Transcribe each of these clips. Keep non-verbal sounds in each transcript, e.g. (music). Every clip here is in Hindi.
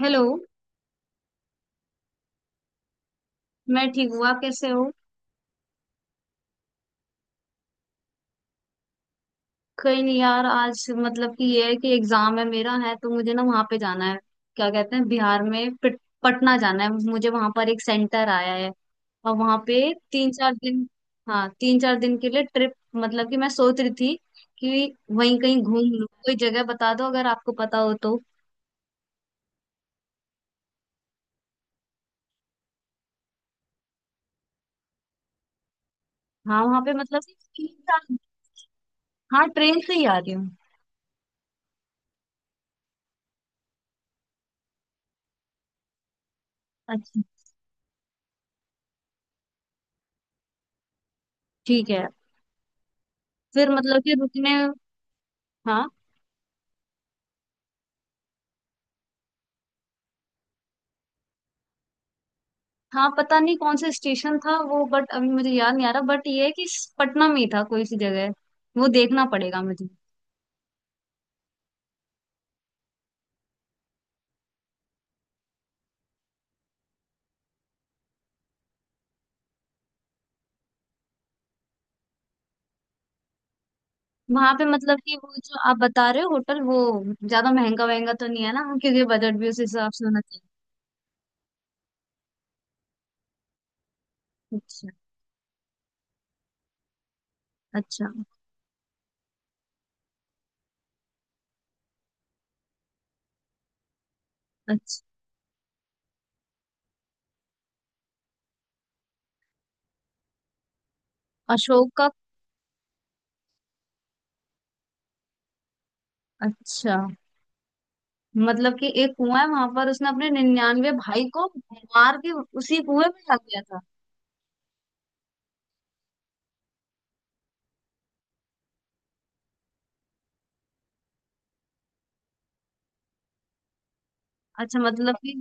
हेलो। मैं ठीक हूँ, आप कैसे हो? कहीं नहीं यार, आज मतलब कि ये है कि एग्जाम है मेरा, है तो मुझे ना वहां पे जाना है। क्या कहते हैं, बिहार में पटना जाना है मुझे, वहां पर एक सेंटर आया है। और वहां पे 3 4 दिन। हाँ, 3 4 दिन के लिए ट्रिप, मतलब कि मैं सोच रही थी कि वहीं कहीं घूम लूँ। कोई जगह बता दो अगर आपको पता हो तो। हाँ, वहां पे मतलब कि तीन चार। हाँ, ट्रेन से ही आ रही हूँ। अच्छा, ठीक है। फिर मतलब कि रुकने। हाँ। हाँ, पता नहीं कौन सा स्टेशन था वो, बट अभी मुझे याद नहीं आ रहा, बट ये है कि पटना में ही था कोई सी जगह, वो देखना पड़ेगा मुझे। वहां पे मतलब कि वो जो आप बता रहे हो होटल वो, ज्यादा महंगा वहंगा तो नहीं है ना? क्योंकि बजट भी उस हिसाब से होना चाहिए। अच्छा, अच्छा। अच्छा। अशोक का। अच्छा, मतलब कि एक कुआं है वहां पर, उसने अपने 99 भाई को मार के उसी कुएं में रख दिया था। अच्छा, मतलब कि।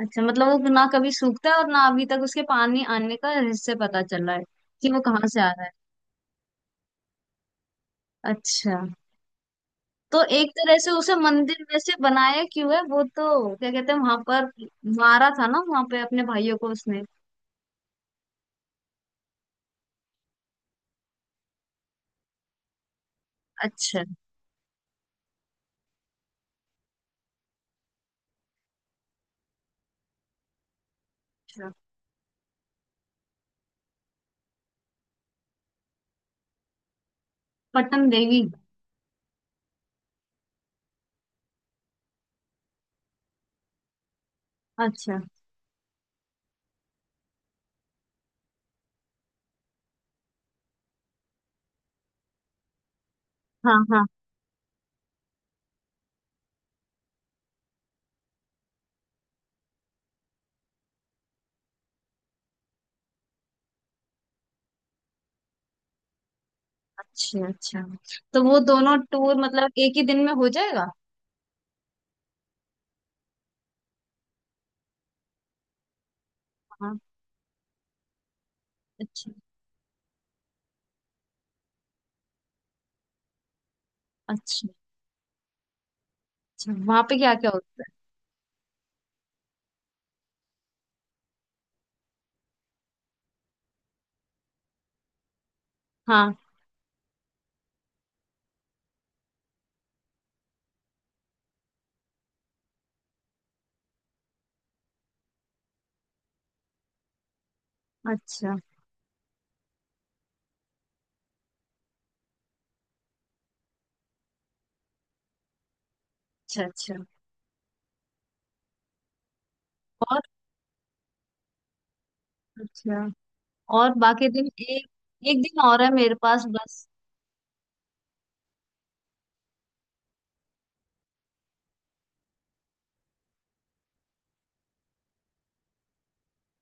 अच्छा, मतलब वो ना कभी सूखता है और ना अभी तक उसके पानी आने का हिस्से पता चल रहा है कि वो कहाँ से आ रहा है। अच्छा। तो एक तरह से उसे मंदिर वैसे बनाया क्यों है वो, तो क्या कहते हैं, वहां पर मारा था ना वहां पे अपने भाइयों को उसने। अच्छा, अच्छा। पट्टन देवी। अच्छा। हाँ, हाँ। अच्छा, अच्छा। तो वो दोनों टूर मतलब एक ही दिन में हो जाएगा? हाँ। अच्छा, अच्छा। अच्छा, वहां पे क्या क्या होता है? हाँ। अच्छा, अच्छा। अच्छा। और। अच्छा। और बाकी दिन एक, एक दिन और है मेरे पास बस।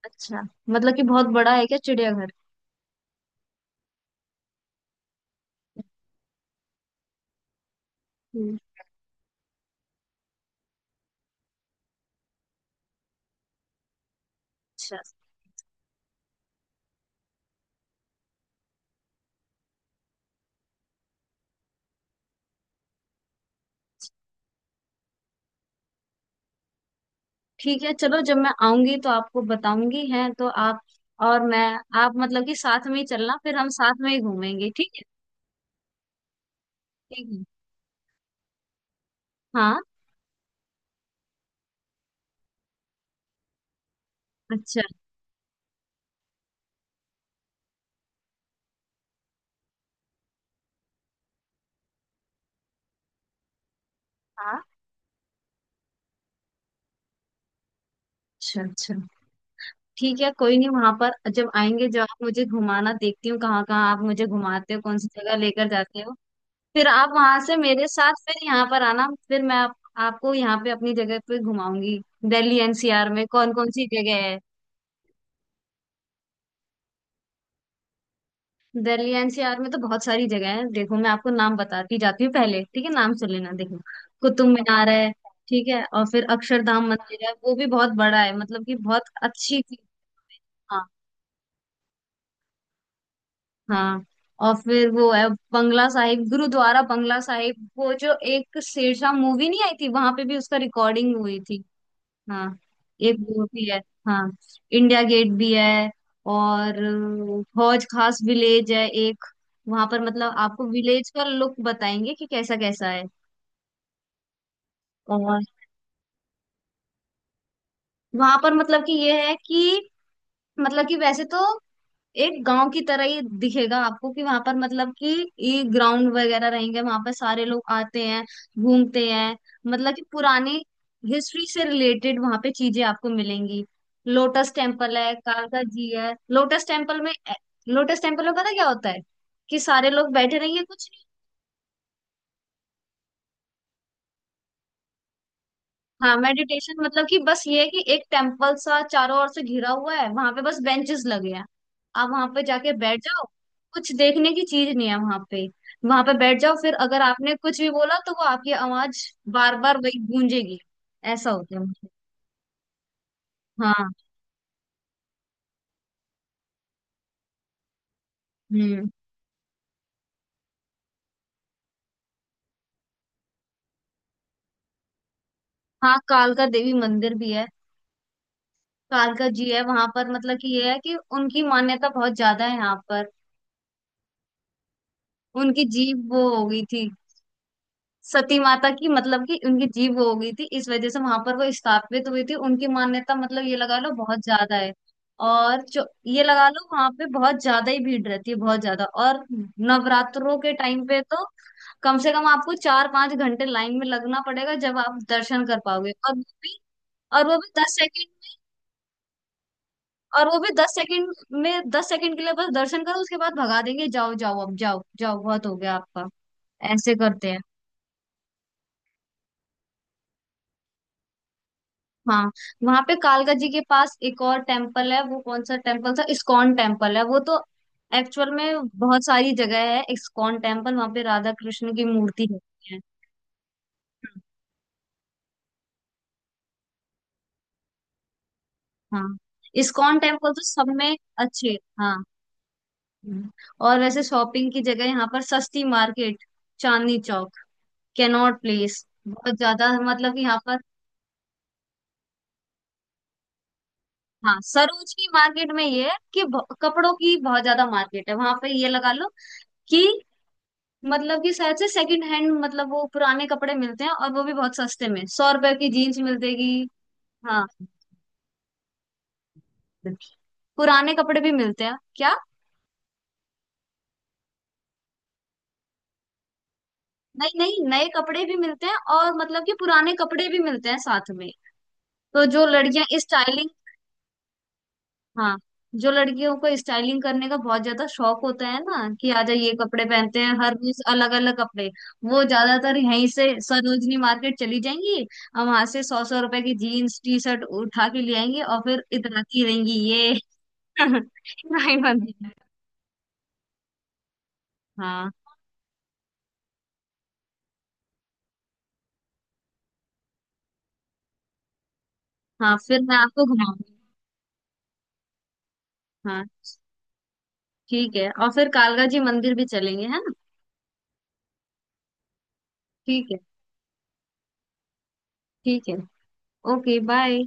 अच्छा, मतलब कि बहुत बड़ा है क्या चिड़ियाघर? हम्म, अच्छा। ठीक है, चलो, जब मैं आऊंगी तो आपको बताऊंगी हैं तो आप। और मैं, आप मतलब कि साथ में ही चलना, फिर हम साथ में ही घूमेंगे, ठीक है। ठीक है। हाँ। अच्छा। हाँ। अच्छा, अच्छा। ठीक है, कोई नहीं। वहां पर जब आएंगे, जब आप मुझे घुमाना, देखती हूँ कहाँ कहाँ आप मुझे घुमाते हो, कौन सी जगह लेकर जाते हो। फिर आप वहां से मेरे साथ फिर यहाँ पर आना, फिर मैं आपको यहाँ पे अपनी जगह पे घुमाऊंगी। दिल्ली एनसीआर में कौन कौन सी जगह है? दिल्ली एनसीआर में तो बहुत सारी जगह है, देखो, मैं आपको नाम बताती जाती हूँ पहले, ठीक है? नाम सुन लेना, देखो। कुतुब मीनार है। ठीक है। और फिर अक्षरधाम मंदिर है, वो भी बहुत बड़ा है, मतलब कि बहुत अच्छी चीज। हाँ, हाँ। और फिर वो है बंगला साहिब गुरुद्वारा, बंगला साहिब। वो जो एक शेरशाह मूवी नहीं आई थी, वहां पे भी उसका रिकॉर्डिंग हुई थी। हाँ। एक वो भी है। हाँ। इंडिया गेट भी है। और हौज खास विलेज है एक। वहां पर मतलब आपको विलेज का लुक बताएंगे कि कैसा कैसा है। और वहां पर मतलब कि ये है कि, मतलब कि वैसे तो एक गांव की तरह ही दिखेगा आपको कि वहां पर मतलब कि ये ग्राउंड वगैरह रहेंगे, वहां पर सारे लोग आते हैं, घूमते हैं। मतलब कि पुरानी हिस्ट्री से रिलेटेड वहां पे चीजें आपको मिलेंगी। लोटस टेम्पल है, कालका जी है। लोटस टेम्पल में, लोटस टेम्पल में पता क्या होता है? कि सारे लोग बैठे रहेंगे कुछ। हाँ, मेडिटेशन मतलब कि बस ये है कि एक टेम्पल सा चारों ओर से घिरा हुआ है, वहां पे बस बेंचेस लगे हैं। आप वहां पे जाके बैठ जाओ। कुछ देखने की चीज नहीं है वहां पे। वहां पे बैठ जाओ, फिर अगर आपने कुछ भी बोला तो वो आपकी आवाज बार बार वही गूंजेगी। ऐसा होता है मुझे। हाँ। हम्म, हाँ, कालका देवी मंदिर भी है। कालका जी है वहां पर, मतलब कि ये है कि उनकी मान्यता बहुत ज्यादा है यहाँ पर। उनकी जीभ वो हो गई थी, सती माता की, मतलब कि उनकी जीव वो हो गई थी, इस वजह से वहां पर वो स्थापित हुई थी, उनकी मान्यता मतलब ये लगा लो बहुत ज्यादा है। और जो ये लगा लो, वहां पे बहुत ज्यादा ही भीड़ रहती है, बहुत ज्यादा। और नवरात्रों के टाइम पे तो कम से कम आपको 4 5 घंटे लाइन में लगना पड़ेगा जब आप दर्शन कर पाओगे। और वो भी, और वो भी 10 सेकंड में। और वो भी दस सेकंड में, 10 सेकंड के लिए बस दर्शन करो, उसके बाद भगा देंगे, जाओ जाओ, अब जाओ जाओ, बहुत हो गया आपका। ऐसे करते हैं। हाँ। वहां पे कालका जी के पास एक और टेम्पल है, वो कौन सा टेम्पल था, इस्कॉन टेम्पल है वो तो। एक्चुअल में बहुत सारी जगह है इस्कॉन टेम्पल, वहां पे राधा कृष्ण की मूर्ति होती है। हाँ, इस्कॉन टेम्पल तो सब में अच्छे। हाँ। हम्म। और वैसे शॉपिंग की जगह यहाँ पर सस्ती market, Chandni Chowk, Connaught Place, बहुत ज्यादा मतलब कि यहाँ पर। हाँ, सरोज की मार्केट में ये है कि कपड़ों की बहुत ज्यादा मार्केट है वहां पे, ये लगा लो कि, मतलब कि शायद से सेकंड हैंड, मतलब वो पुराने कपड़े मिलते हैं, और वो भी बहुत सस्ते में 100 रुपए की जीन्स मिल जाएगी। हाँ? पुराने कपड़े भी मिलते हैं क्या? नहीं, नहीं, नए कपड़े भी मिलते हैं, और मतलब कि पुराने कपड़े भी मिलते हैं साथ में। तो जो लड़कियां स्टाइलिश। हाँ, जो लड़कियों को स्टाइलिंग करने का बहुत ज्यादा शौक होता है ना, कि आजा ये कपड़े पहनते हैं हर रोज अलग अलग कपड़े, वो ज्यादातर यहीं से सरोजनी मार्केट चली जाएंगी। और वहां से 100 100 रुपए की जीन्स टी शर्ट उठा के ले आएंगी और फिर इतराती रहेंगी ये। (laughs) नहीं बनती है। हाँ, हाँ। फिर मैं आपको घुमाऊंगी। हाँ, ठीक है। और फिर कालका जी मंदिर भी चलेंगे, है ना? ठीक है। ठीक है। Okay bye.